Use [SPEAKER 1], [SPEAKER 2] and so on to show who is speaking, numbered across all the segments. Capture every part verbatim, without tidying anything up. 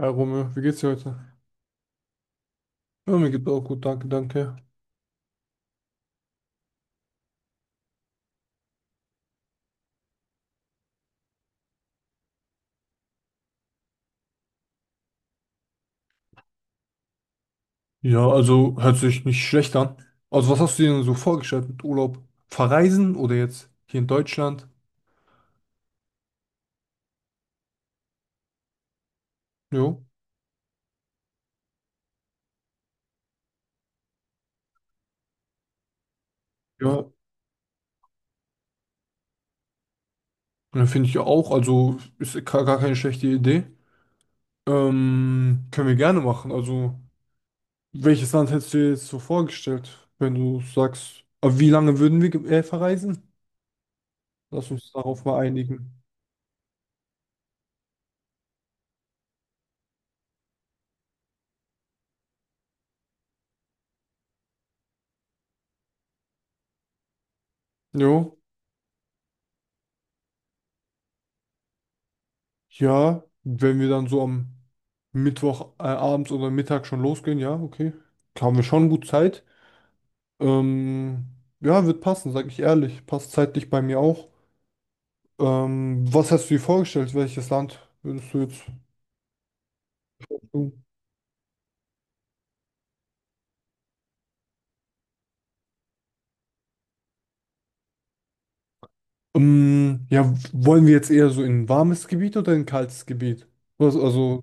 [SPEAKER 1] Hi Romeo, wie geht's dir heute? Ja, mir geht's auch gut, danke, danke. Ja, also hört sich nicht schlecht an. Also was hast du dir denn so vorgestellt mit Urlaub? Verreisen oder jetzt hier in Deutschland? Jo. Ja, ja, finde ich ja auch. Also ist gar gar keine schlechte Idee. Ähm, können wir gerne machen. Also welches Land hättest du dir jetzt so vorgestellt, wenn du sagst, aber wie lange würden wir ge- äh, verreisen? Lass uns darauf mal einigen. Jo. Ja, wenn wir dann so am Mittwoch äh, abends oder Mittag schon losgehen, ja, okay. Haben wir schon gut Zeit. Ähm, ja, wird passen, sag ich ehrlich. Passt zeitlich bei mir auch. Ähm, was hast du dir vorgestellt? Welches Land würdest du jetzt? Ähm, ja, wollen wir jetzt eher so in ein warmes Gebiet oder in ein kaltes Gebiet? Was, also,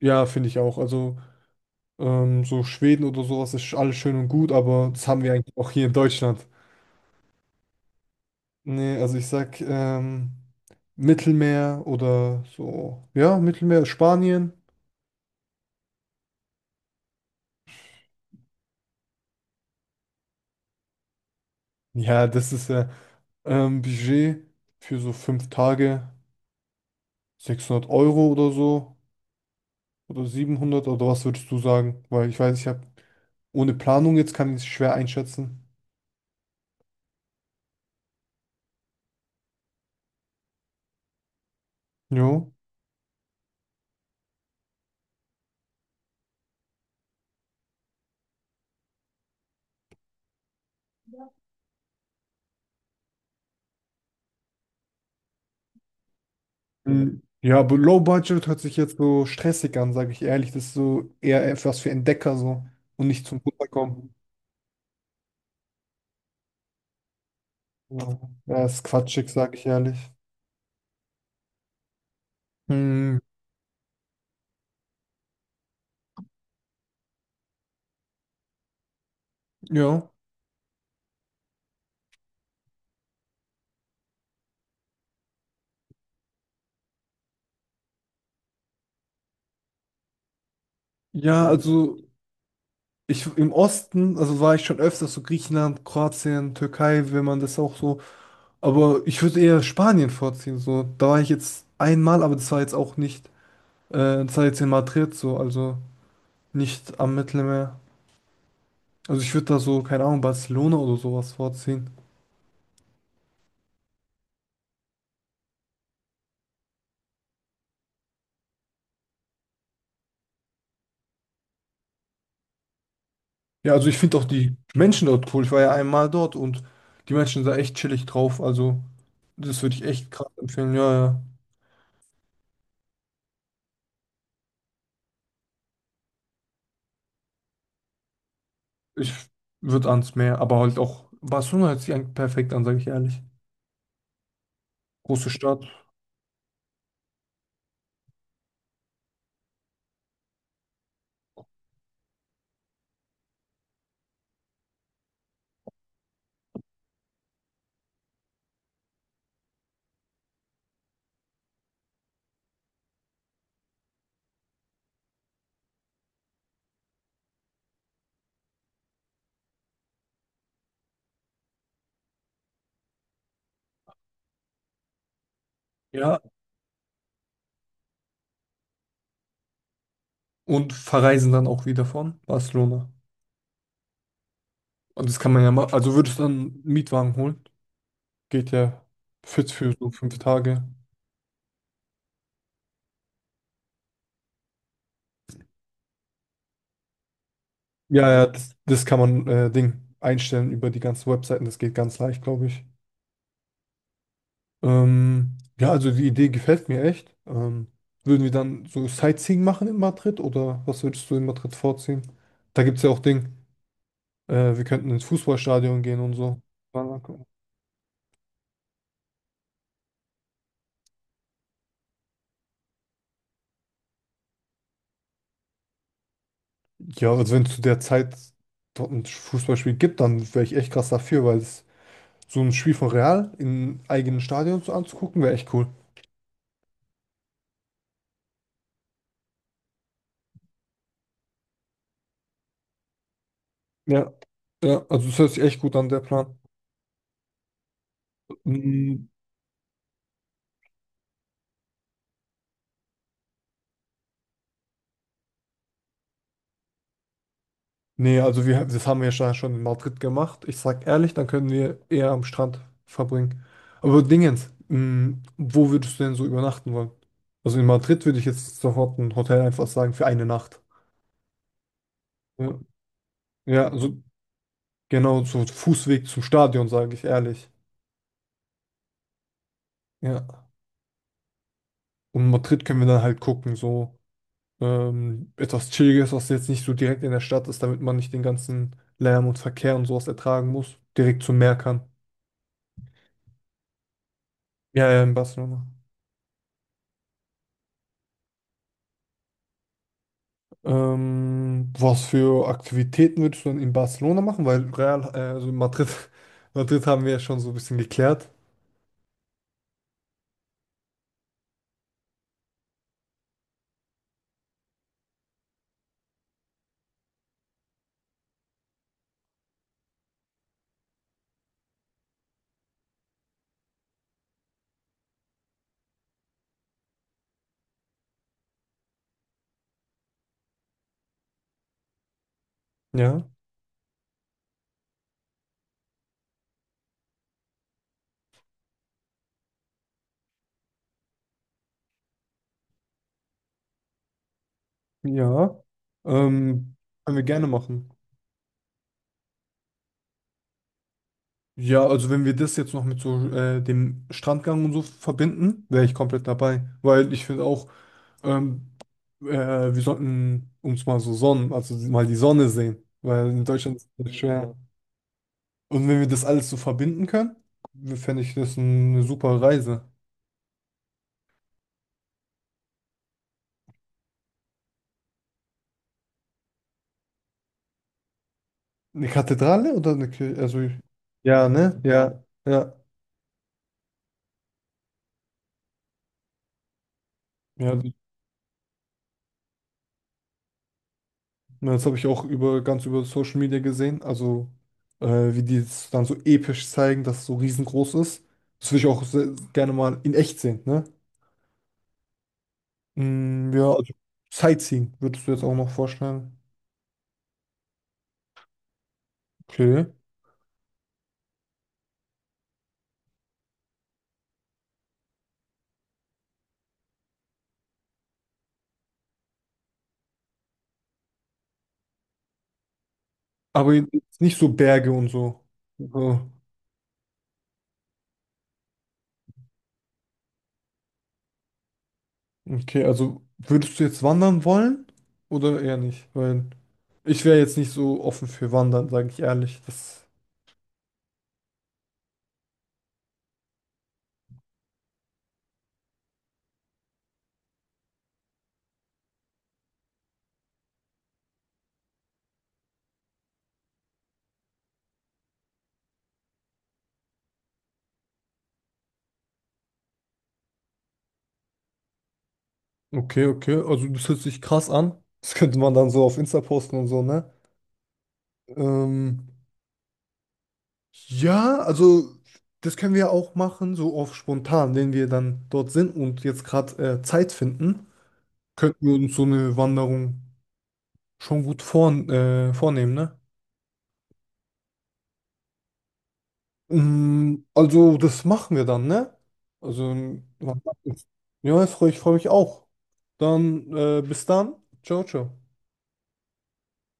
[SPEAKER 1] ja, finde ich auch. Also, ähm, so Schweden oder sowas ist alles schön und gut, aber das haben wir eigentlich auch hier in Deutschland. Nee, also ich sag ähm, Mittelmeer oder so. Ja, Mittelmeer, Spanien. Ja, das ist ja ähm, Budget für so fünf Tage, sechshundert Euro oder so. Oder siebenhundert, oder was würdest du sagen? Weil ich weiß, ich habe ohne Planung jetzt, kann ich es schwer einschätzen. Jo. Mhm. Ja, aber Low Budget hört sich jetzt so stressig an, sage ich ehrlich. Das ist so eher etwas für Entdecker, so und nicht zum Runterkommen. Ja, ja, ist quatschig, sage ich ehrlich. Hm, ja. Ja, also ich im Osten, also war ich schon öfters so Griechenland, Kroatien, Türkei, wenn man das auch so. Aber ich würde eher Spanien vorziehen. So, da war ich jetzt einmal, aber das war jetzt auch nicht, äh, das war jetzt in Madrid so, also nicht am Mittelmeer. Also ich würde da so, keine Ahnung, Barcelona oder sowas vorziehen. Ja, also ich finde auch die Menschen dort cool. Ich war ja einmal dort, und die Menschen sind da echt chillig drauf. Also das würde ich echt krass empfehlen. Ja, ja. Ich würde ans Meer, aber halt auch Barcelona hört sich eigentlich perfekt an, sage ich ehrlich. Große Stadt, ja. Und verreisen dann auch wieder von Barcelona. Und das kann man ja machen. Also würdest du dann einen Mietwagen holen? Geht ja fit für so fünf Tage. Ja, ja, das, das kann man äh, Ding einstellen über die ganzen Webseiten. Das geht ganz leicht, glaube ich. Ähm, ja, also die Idee gefällt mir echt. Ähm, würden wir dann so Sightseeing machen in Madrid, oder was würdest du in Madrid vorziehen? Da gibt es ja auch Ding. Äh, wir könnten ins Fußballstadion gehen und so. Ja, also wenn es zu der Zeit dort ein Fußballspiel gibt, dann wäre ich echt krass dafür, weil es so ein Spiel von Real im eigenen Stadion so anzugucken, wäre echt cool. Ja. Ja, also es hört sich echt gut an, der Plan. Mm, nee, also wir, das haben wir ja schon schon in Madrid gemacht. Ich sag ehrlich, dann können wir eher am Strand verbringen. Aber Dingens, mm, wo würdest du denn so übernachten wollen? Also in Madrid würde ich jetzt sofort ein Hotel einfach sagen für eine Nacht. Ja, ja, also genau so Fußweg zum Stadion, sage ich ehrlich. Ja. Und Madrid können wir dann halt gucken, so ähm, etwas Chilliges, was jetzt nicht so direkt in der Stadt ist, damit man nicht den ganzen Lärm und Verkehr und sowas ertragen muss. Direkt zum Meer kann. Ja, ja, in Barcelona. Ähm, was für Aktivitäten würdest du dann in Barcelona machen? Weil Real, äh, also in Madrid, Madrid haben wir ja schon so ein bisschen geklärt. Ja, ja. Ähm, Können wir gerne machen. Ja, also wenn wir das jetzt noch mit so äh, dem Strandgang und so verbinden, wäre ich komplett dabei. Weil ich finde auch, Ähm, äh, wir sollten uns mal so Sonnen, also mal die Sonne sehen, weil in Deutschland ist es schwer. Und wenn wir das alles so verbinden können, fände ich das eine super Reise. Eine Kathedrale oder eine Kirche? Also, ja, ne? Ja, ja. Ja, die- ja, das habe ich auch über, ganz über Social Media gesehen. Also, äh, wie die es dann so episch zeigen, dass es so riesengroß ist. Das würde ich auch sehr, gerne mal in echt sehen, ne? Mm, ja, also Sightseeing würdest du jetzt auch noch vorstellen. Okay. Aber jetzt nicht so Berge und so. So. Okay, also würdest du jetzt wandern wollen oder eher nicht? Weil ich wäre jetzt nicht so offen für Wandern, sage ich ehrlich. Das, okay, okay, also das hört sich krass an. Das könnte man dann so auf Insta posten und so, ne? Ähm, ja, also das können wir auch machen, so auf spontan, wenn wir dann dort sind und jetzt gerade äh, Zeit finden, könnten wir uns so eine Wanderung schon gut vor, äh, vornehmen, ne? Mm, also, das machen wir dann, ne? Also, was, ja, ich freue ich freu mich auch. Dann, äh, bis dann. Ciao, ciao.